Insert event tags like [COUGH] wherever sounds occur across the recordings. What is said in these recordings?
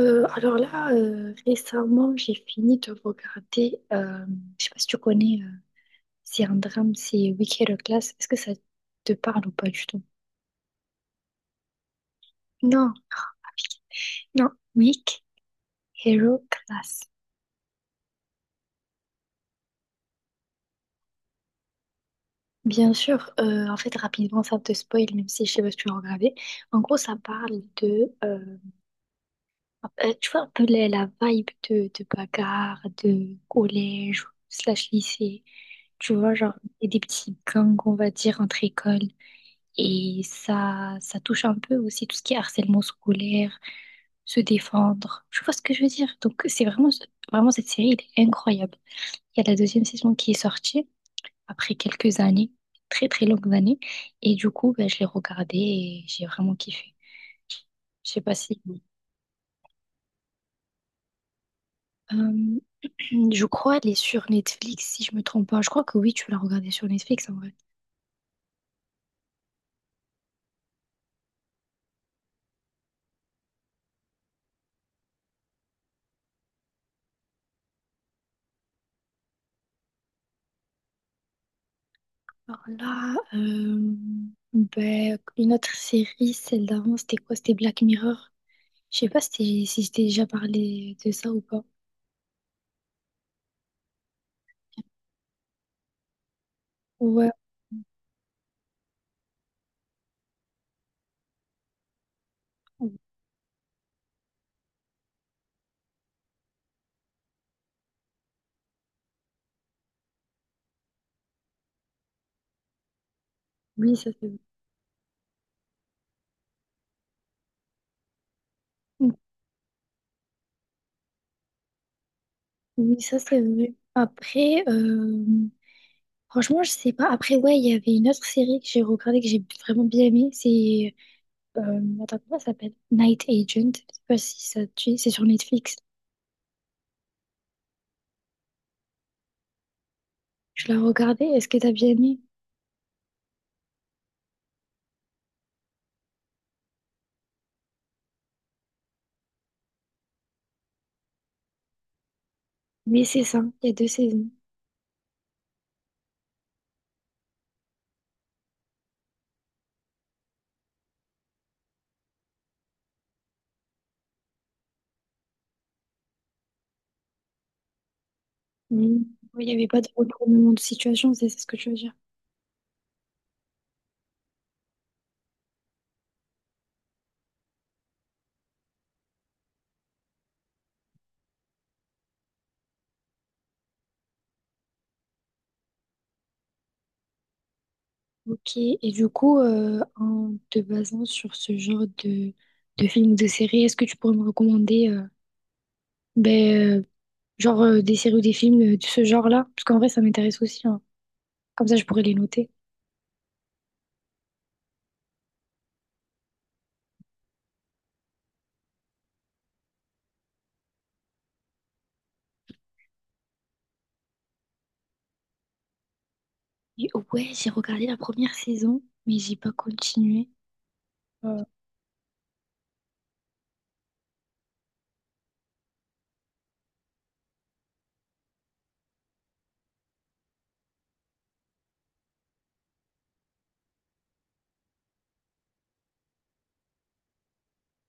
Récemment, j'ai fini de regarder, je sais pas si tu connais, c'est un drame, c'est Wicked Class. Est-ce que ça te parle ou pas du tout? Non, non, Wicked Hero Class. Bien sûr, en fait, rapidement, ça te spoil, même si je sais pas si tu l'as regardé. En gros, ça parle de, tu vois, un peu la vibe de bagarre, de collège, slash lycée. Tu vois, genre, et des petits gangs, on va dire, entre écoles. Et ça touche un peu aussi tout ce qui est harcèlement scolaire, se défendre. Tu vois ce que je veux dire? Donc, c'est vraiment, vraiment cette série, elle est incroyable. Il y a la deuxième saison qui est sortie après quelques années, très très longues années. Et du coup, ben, je l'ai regardée et j'ai vraiment kiffé. Je sais pas si. Euh, je crois elle est sur Netflix, si je me trompe pas. Je crois que oui, tu l'as regardée sur Netflix en vrai. Alors là, euh, ben, une autre série, celle d'avant, c'était quoi? C'était Black Mirror. Je sais pas si si je t'ai déjà parlé de ça ou pas. Ouais, oui, ça c'est vrai. Oui, ça c'est vrai. Après, franchement, je sais pas. Après, ouais, il y avait une autre série que j'ai regardée que j'ai vraiment bien aimée. C'est. Attends, comment ça s'appelle? Night Agent. Je sais pas si ça te dit. C'est sur Netflix. Je l'ai regardée. Est-ce que t'as bien aimé? Mais c'est ça. Il y a deux saisons. Mm. Oui, il n'y avait pas de retournement de situation, c'est ce que tu veux dire. Ok, et du coup, en te basant sur ce genre de films ou de séries, est-ce que tu pourrais me recommander ben, genre des séries ou des films de ce genre-là? Parce qu'en vrai, ça m'intéresse aussi, hein. Comme ça, je pourrais les noter. Et ouais, j'ai regardé la première saison, mais j'ai pas continué. Euh,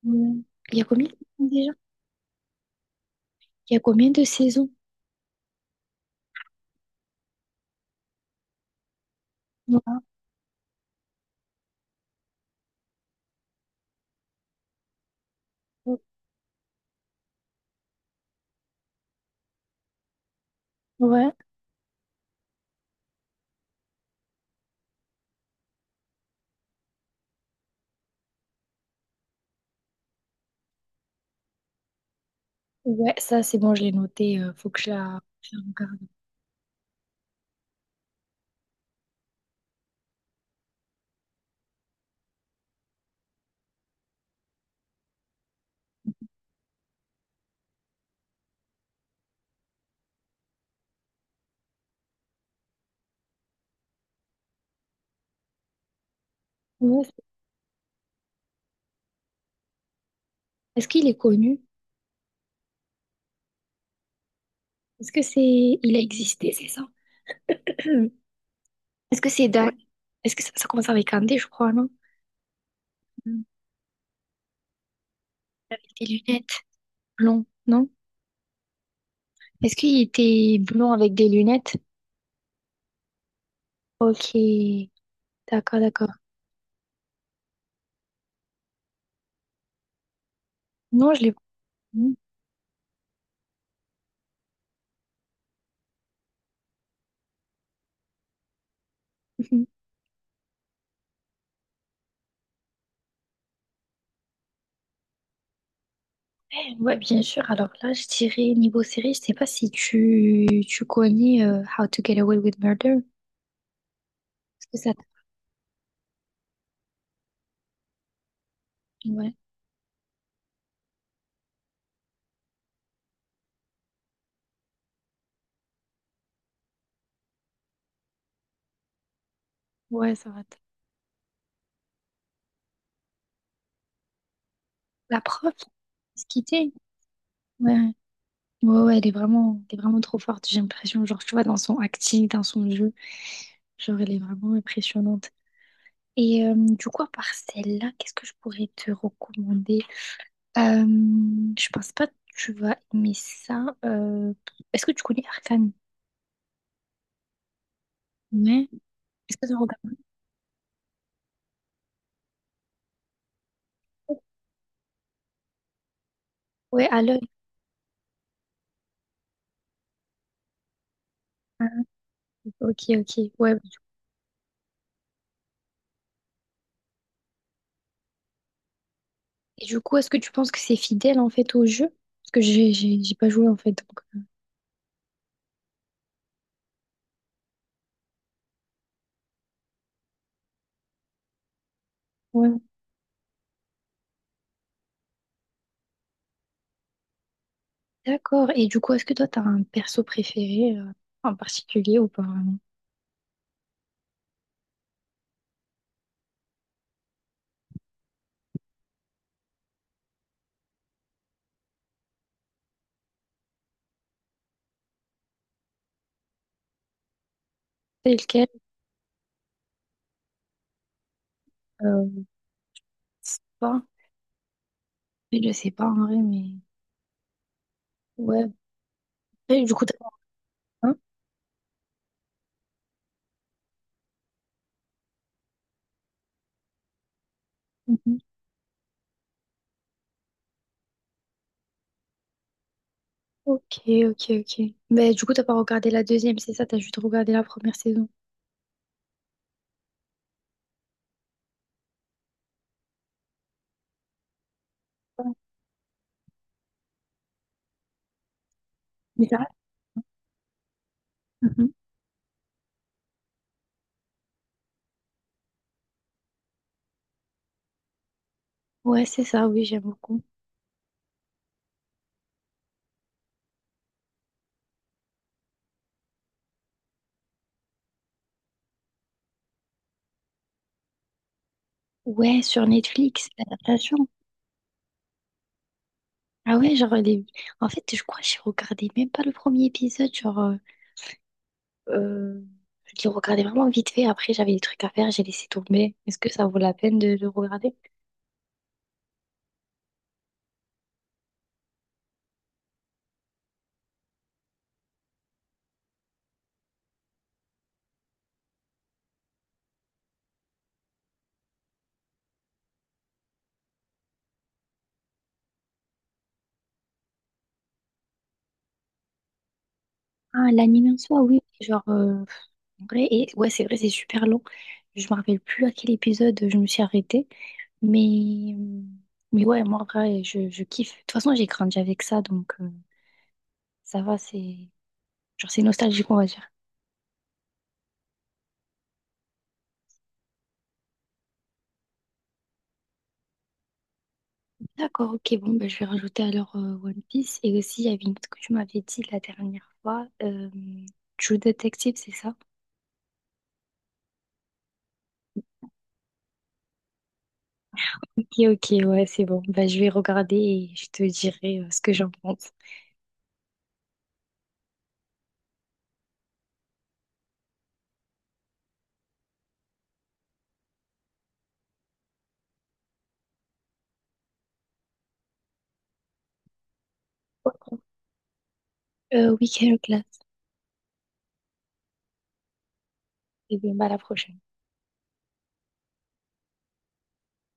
Hmm. Il y a combien de saisons déjà? Il y a combien de saisons? Non, ouais, ouais, ça c'est bon, je l'ai noté. Faut que je la regarde. Ouais, est-ce qu'il est connu? Est-ce que c'est, il a existé, c'est ça? [CLEARS THROAT] Est-ce que c'est d'un... Est-ce que ça commence avec un D, je crois, non? Mm. Avec des lunettes. Blond, non? Est-ce qu'il était blond avec des lunettes? Ok. D'accord, d'accord. Non, je l'ai pas. Mm. Mhm. Ouais, bien sûr. Alors là, je dirais niveau série, je sais pas si tu connais How to Get Away with Murder. Est-ce que ça... t- Ouais. Ouais, ça va. T- La prof, se quitter. Ouais. Ouais, ouais, elle est vraiment trop forte, j'ai l'impression. Genre, tu vois, dans son acting, dans son jeu, genre, elle est vraiment impressionnante. Et du coup, à part celle-là, qu'est-ce que je pourrais te recommander? Euh, je pense pas que tu vas aimer ça. Est-ce que tu connais Arcane? Ouais. Est-ce que tu regardes? Ouais, à l'œil. Ah, ok, ok. Ouais. Et du coup, est-ce que tu penses que c'est fidèle en fait au jeu? Parce que j'ai pas joué en fait, donc. Ouais. D'accord. Et du coup, est-ce que toi, t'as un perso préféré en particulier ou pas vraiment? C'est lequel? Je sais pas. Je sais pas en vrai, mais ouais. Et du coup, t'as un? Ok, ok, ok. Mais du coup, t'as pas regardé la deuxième, c'est ça, t'as juste regardé la première saison. Ouais, mais ça? Reste- Mhm. Ouais, c'est ça, oui, j'aime beaucoup. Ouais, sur Netflix, l'adaptation. Ah ouais, genre, les... en fait, je crois que j'ai regardé même pas le premier épisode, euh, je l'ai regardé vraiment vite fait, après j'avais des trucs à faire, j'ai laissé tomber. Est-ce que ça vaut la peine de le regarder? Ah, l'anime en soi, oui, en vrai, et... ouais, c'est vrai, c'est super long. Je me rappelle plus à quel épisode je me suis arrêtée. Mais, euh, mais ouais, moi, en vrai, je kiffe. De toute façon, j'ai grandi avec ça, donc ça va, c'est genre c'est nostalgique, on va dire. D'accord, ok, bon, ben, je vais rajouter alors One Piece. Et aussi, il y avait une autre que tu m'avais dit la dernière fois, True Detective, c'est ça? Ok, ok, ouais, c'est bon. Bah, je vais regarder et je te dirai ce que j'en pense. Week-end class. Et bien, bah, à la prochaine.